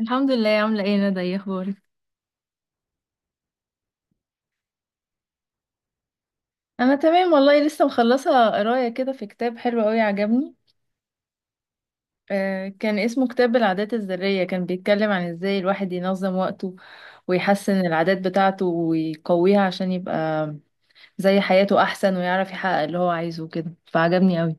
الحمد لله. عاملة ايه يا ندى؟ ايه اخبارك؟ انا تمام والله، لسه مخلصه قرايه كده في كتاب حلو قوي عجبني. كان اسمه كتاب العادات الذريه، كان بيتكلم عن ازاي الواحد ينظم وقته ويحسن العادات بتاعته ويقويها عشان يبقى زي حياته احسن ويعرف يحقق اللي هو عايزه كده، فعجبني قوي.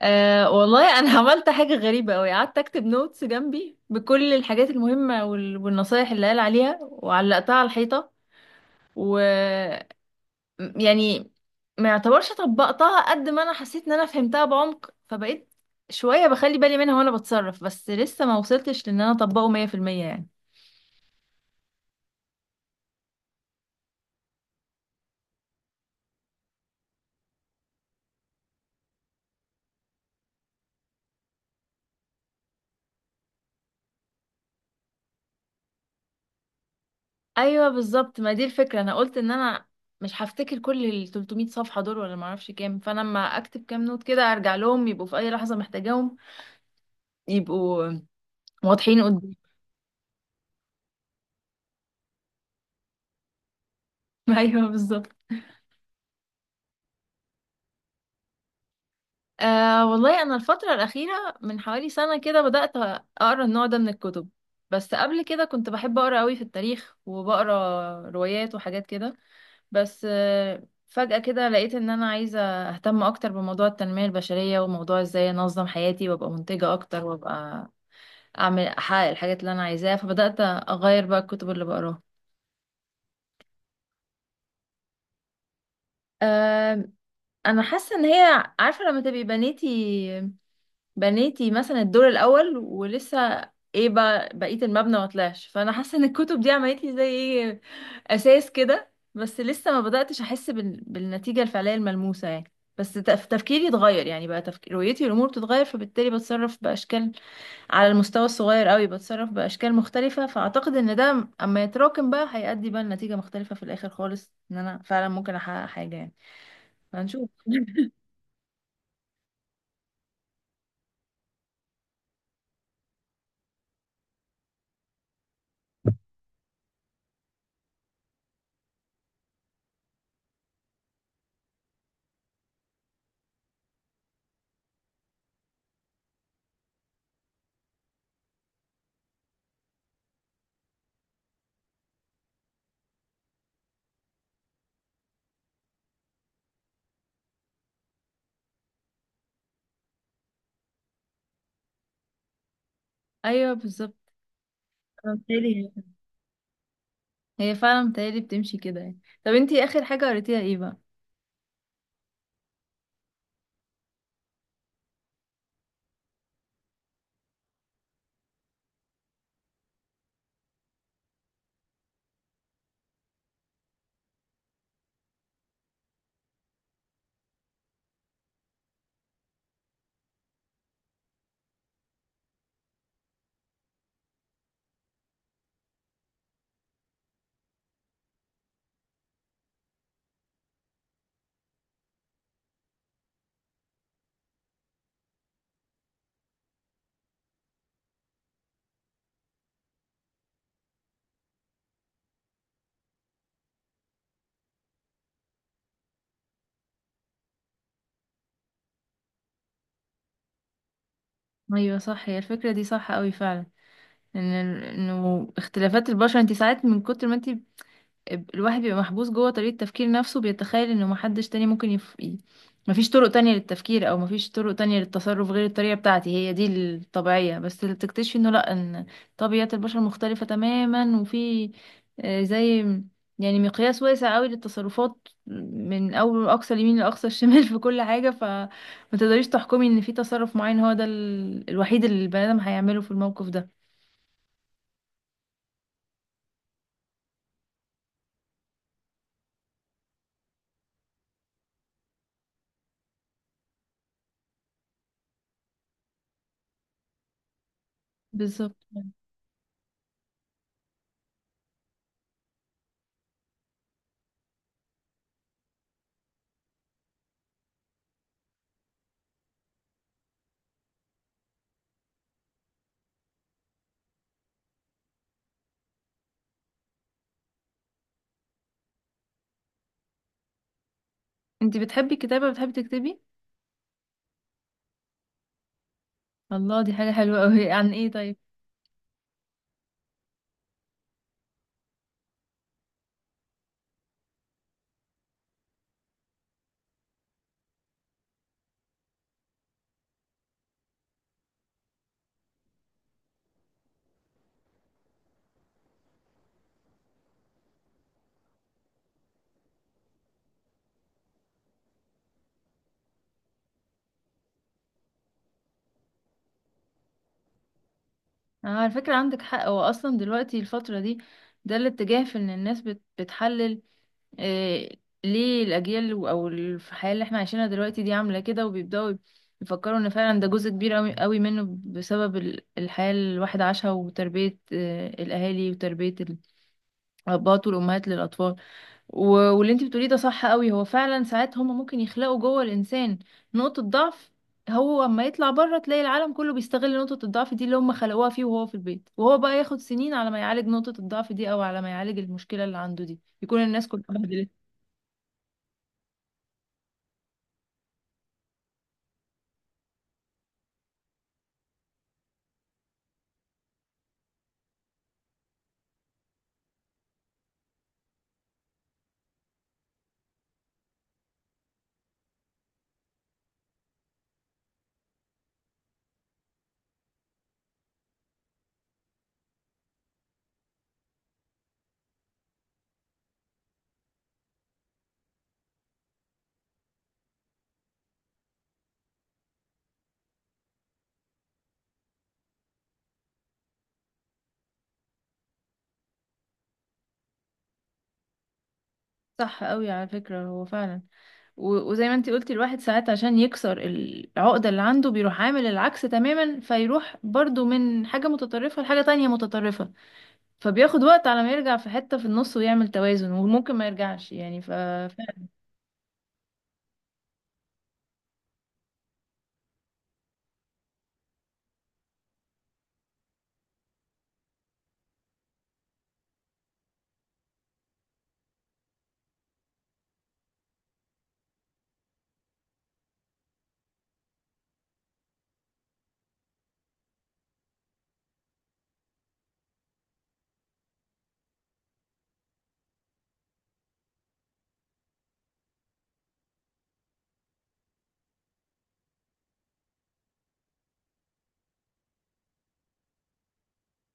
أه والله انا عملت حاجة غريبة قوي، قعدت اكتب نوتس جنبي بكل الحاجات المهمة والنصايح اللي قال عليها وعلقتها على الحيطة، و... يعني ما يعتبرش طبقتها قد ما انا حسيت ان انا فهمتها بعمق، فبقيت شوية بخلي بالي منها وانا بتصرف، بس لسه ما وصلتش لان انا اطبقه 100% يعني. ايوه بالظبط، ما دي الفكرة، انا قلت ان انا مش هفتكر كل ال 300 صفحة دول ولا ما اعرفش كام، فانا لما اكتب كام نوت كده ارجع لهم يبقوا في اي لحظة محتاجاهم، يبقوا واضحين قدامي. ايوه بالظبط. أه والله أنا الفترة الأخيرة من حوالي سنة كده بدأت أقرأ النوع ده من الكتب. بس قبل كده كنت بحب أقرأ قوي في التاريخ وبقرأ روايات وحاجات كده. بس فجأة كده لقيت إن أنا عايزة أهتم أكتر بموضوع التنمية البشرية وموضوع إزاي أنظم حياتي وأبقى منتجة أكتر، وأبقى أعمل أحقق الحاجات اللي أنا عايزاها، فبدأت أغير بقى الكتب اللي بقراها. أه أنا حاسة إن هي عارفة، لما تبقي بنيتي مثلا الدور الاول ولسه ايه بقى بقيه المبنى ما طلعش، فانا حاسه ان الكتب دي عملت لي زي ايه، اساس كده، بس لسه ما بداتش احس بالنتيجه الفعليه الملموسه يعني. بس تفكيري اتغير، يعني بقى رؤيتي للامور بتتغير، فبالتالي بتصرف باشكال على المستوى الصغير قوي، بتصرف باشكال مختلفه، فاعتقد ان ده اما يتراكم بقى هيؤدي بقى لنتيجه مختلفه في الاخر خالص، ان انا فعلا ممكن احقق حاجه يعني. هنشوف. ايوه بالظبط. بالتالي هي فعلا متهيألي بتمشي كده يعني. طب انتي اخر حاجة قريتيها ايه بقى؟ ايوه صح، هي الفكرة دي صح قوي فعلا، ان انه اختلافات البشر، انتي ساعات من كتر ما انتي الواحد بيبقى محبوس جوه طريقة تفكير نفسه، بيتخيل انه محدش تاني ممكن مفيش طرق تانية للتفكير، او مفيش طرق تانية للتصرف غير الطريقة بتاعتي هي دي الطبيعية، بس اللي بتكتشفي انه لا، ان طبيعة البشر مختلفة تماما، وفي زي يعني مقياس واسع قوي للتصرفات من اول اقصى اليمين لاقصى الشمال في كل حاجة، فما تقدريش تحكمي ان في تصرف معين هو ده الوحيد اللي البني ادم هيعمله في الموقف ده. بالظبط. انتي بتحبي الكتابة، بتحبي تكتبي؟ الله، دي حاجة حلوة أوي. عن ايه طيب؟ أنا على فكرة عندك حق، هو أصلا دلوقتي الفترة دي ده الاتجاه، في إن الناس بتحلل إيه ليه الأجيال أو الحياة اللي احنا عايشينها دلوقتي دي عاملة كده، وبيبدأوا يفكروا إن فعلا ده جزء كبير أوي أوي منه بسبب الحياة اللي الواحد عاشها، وتربية الأهالي وتربية الأباء والأمهات للأطفال، و... واللي انت بتقوليه ده صح قوي. هو فعلا ساعات هما ممكن يخلقوا جوه الانسان نقطة ضعف، هو اما يطلع بره تلاقي العالم كله بيستغل نقطة الضعف دي اللي هما خلقوها فيه وهو في البيت، وهو بقى ياخد سنين على ما يعالج نقطة الضعف دي او على ما يعالج المشكلة اللي عنده دي، يكون الناس كلها بهدلت. صح قوي على فكرة، هو فعلا. وزي ما انت قلتي، الواحد ساعات عشان يكسر العقدة اللي عنده بيروح عامل العكس تماما، فيروح برضو من حاجة متطرفة لحاجة تانية متطرفة، فبياخد وقت على ما يرجع في حتة في النص ويعمل توازن، وممكن ما يرجعش، يعني فعلا.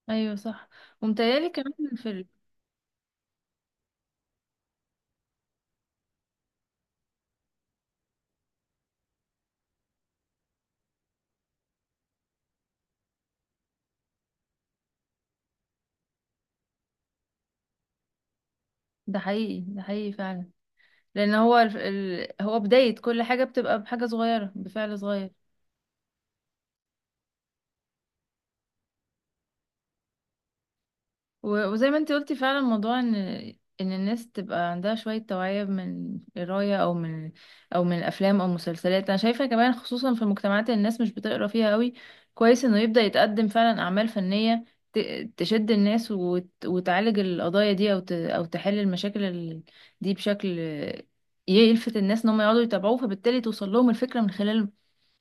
ايوه صح. ومتهيألي كمان. ده حقيقي، ده حقيقي فعلا، لان هو بداية كل حاجة بتبقى بحاجة صغيرة، بفعل صغير. وزي ما انت قلتي فعلا، موضوع ان الناس تبقى عندها شوية توعية من قراية، او من، الافلام او مسلسلات، انا شايفة كمان خصوصا في المجتمعات اللي الناس مش بتقرا فيها قوي، كويس انه يبدأ يتقدم فعلا اعمال فنية تشد الناس وتعالج القضايا دي، او تحل المشاكل دي بشكل يلفت الناس ان هم يقعدوا يتابعوه، فبالتالي توصل لهم الفكرة من خلال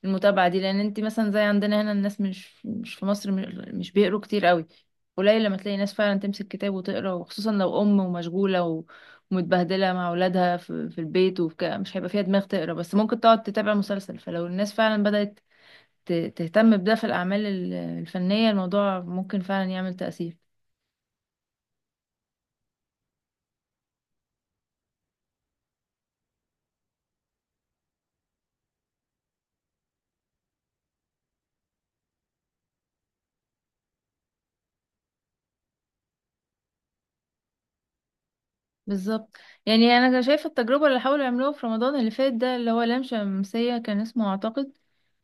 المتابعة دي، لان انت مثلا زي عندنا هنا، الناس مش في مصر مش بيقروا كتير قوي، قليل لما تلاقي ناس فعلا تمسك كتاب وتقرا، وخصوصا لو ام ومشغوله ومتبهدله مع اولادها في البيت، مش هيبقى فيها دماغ تقرا، بس ممكن تقعد تتابع مسلسل، فلو الناس فعلا بدأت تهتم بده في الاعمال الفنيه، الموضوع ممكن فعلا يعمل تأثير. بالظبط. يعني انا شايفه التجربه اللي حاولوا يعملوها في رمضان اللي فات ده، اللي هو لام شمسيه كان اسمه اعتقد.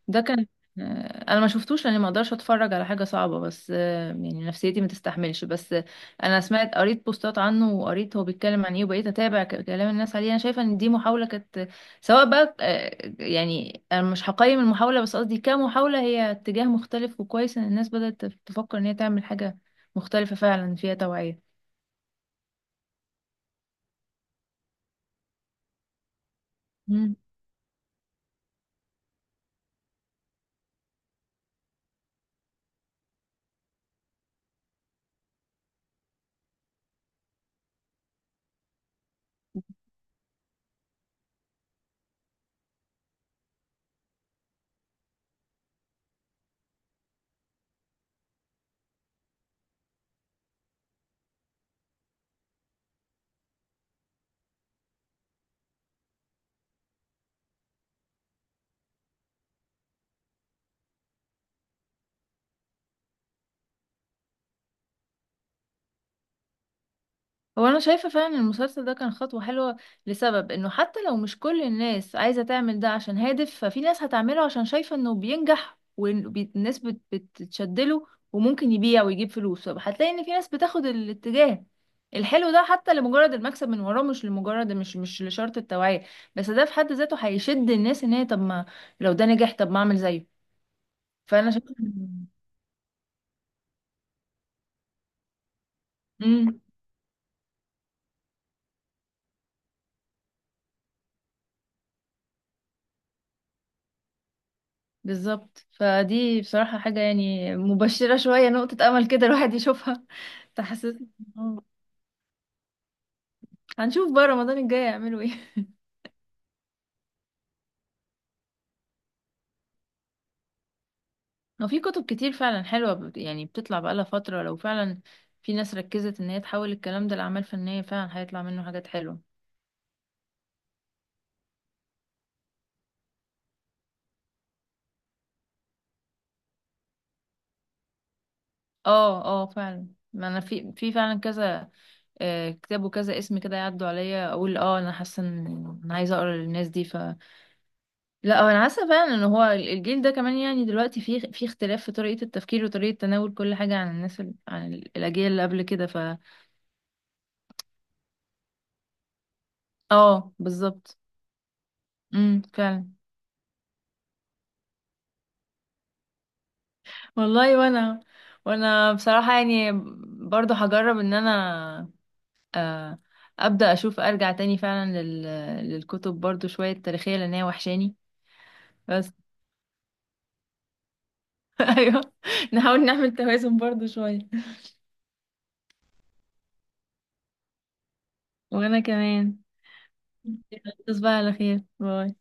ده كان، انا ما شفتوش لاني ما اقدرش اتفرج على حاجه صعبه، بس يعني نفسيتي ما تستحملش، بس انا سمعت، قريت بوستات عنه، وقريت هو بيتكلم عن ايه، وبقيت اتابع كلام الناس عليه، انا شايفه ان دي محاوله كانت، سواء بقى يعني انا مش هقيم المحاوله، بس قصدي كمحاوله، هي اتجاه مختلف، وكويس ان الناس بدات تفكر ان هي تعمل حاجه مختلفه فعلا فيها توعيه. هو انا شايفه فعلا إن المسلسل ده كان خطوه حلوه، لسبب انه حتى لو مش كل الناس عايزه تعمل ده عشان هادف، ففي ناس هتعمله عشان شايفه انه بينجح والناس بتتشدله وممكن يبيع ويجيب فلوس، فهتلاقي ان في ناس بتاخد الاتجاه الحلو ده حتى لمجرد المكسب من وراه، مش لمجرد، مش لشرط التوعية، بس ده في حد ذاته هيشد الناس ان هي طب ما، لو ده نجح طب ما اعمل زيه. فانا شايفه. مم. بالظبط، فدي بصراحة حاجة يعني مبشرة شوية، نقطة أمل كده الواحد يشوفها. تحسس. آه. هنشوف بقى رمضان الجاي يعملوا ايه. هو في كتب كتير فعلا حلوة يعني بتطلع بقالها فترة، لو فعلا في ناس ركزت ان هي تحول الكلام ده لأعمال فنية، فعلا هيطلع منه حاجات حلوة. اه اه فعلا. ما انا في فعلا كذا كتاب وكذا اسم كده يعدوا عليا، اقول اه انا حاسة ان انا عايزة اقرا للناس دي. لا هو انا حاسه فعلا ان هو الجيل ده كمان، يعني دلوقتي في اختلاف في طريقه التفكير وطريقه تناول كل حاجه عن الناس ال... عن ال- الاجيال اللي قبل كده اه بالظبط. فعلا. والله وانا بصراحه يعني برضو هجرب ان انا، آه، ابدا اشوف ارجع تاني فعلا للكتب برضو شويه تاريخيه لان هي وحشاني. بس ايوه، نحاول نعمل توازن برضو شويه. وانا كمان. تصبح على خير، باي.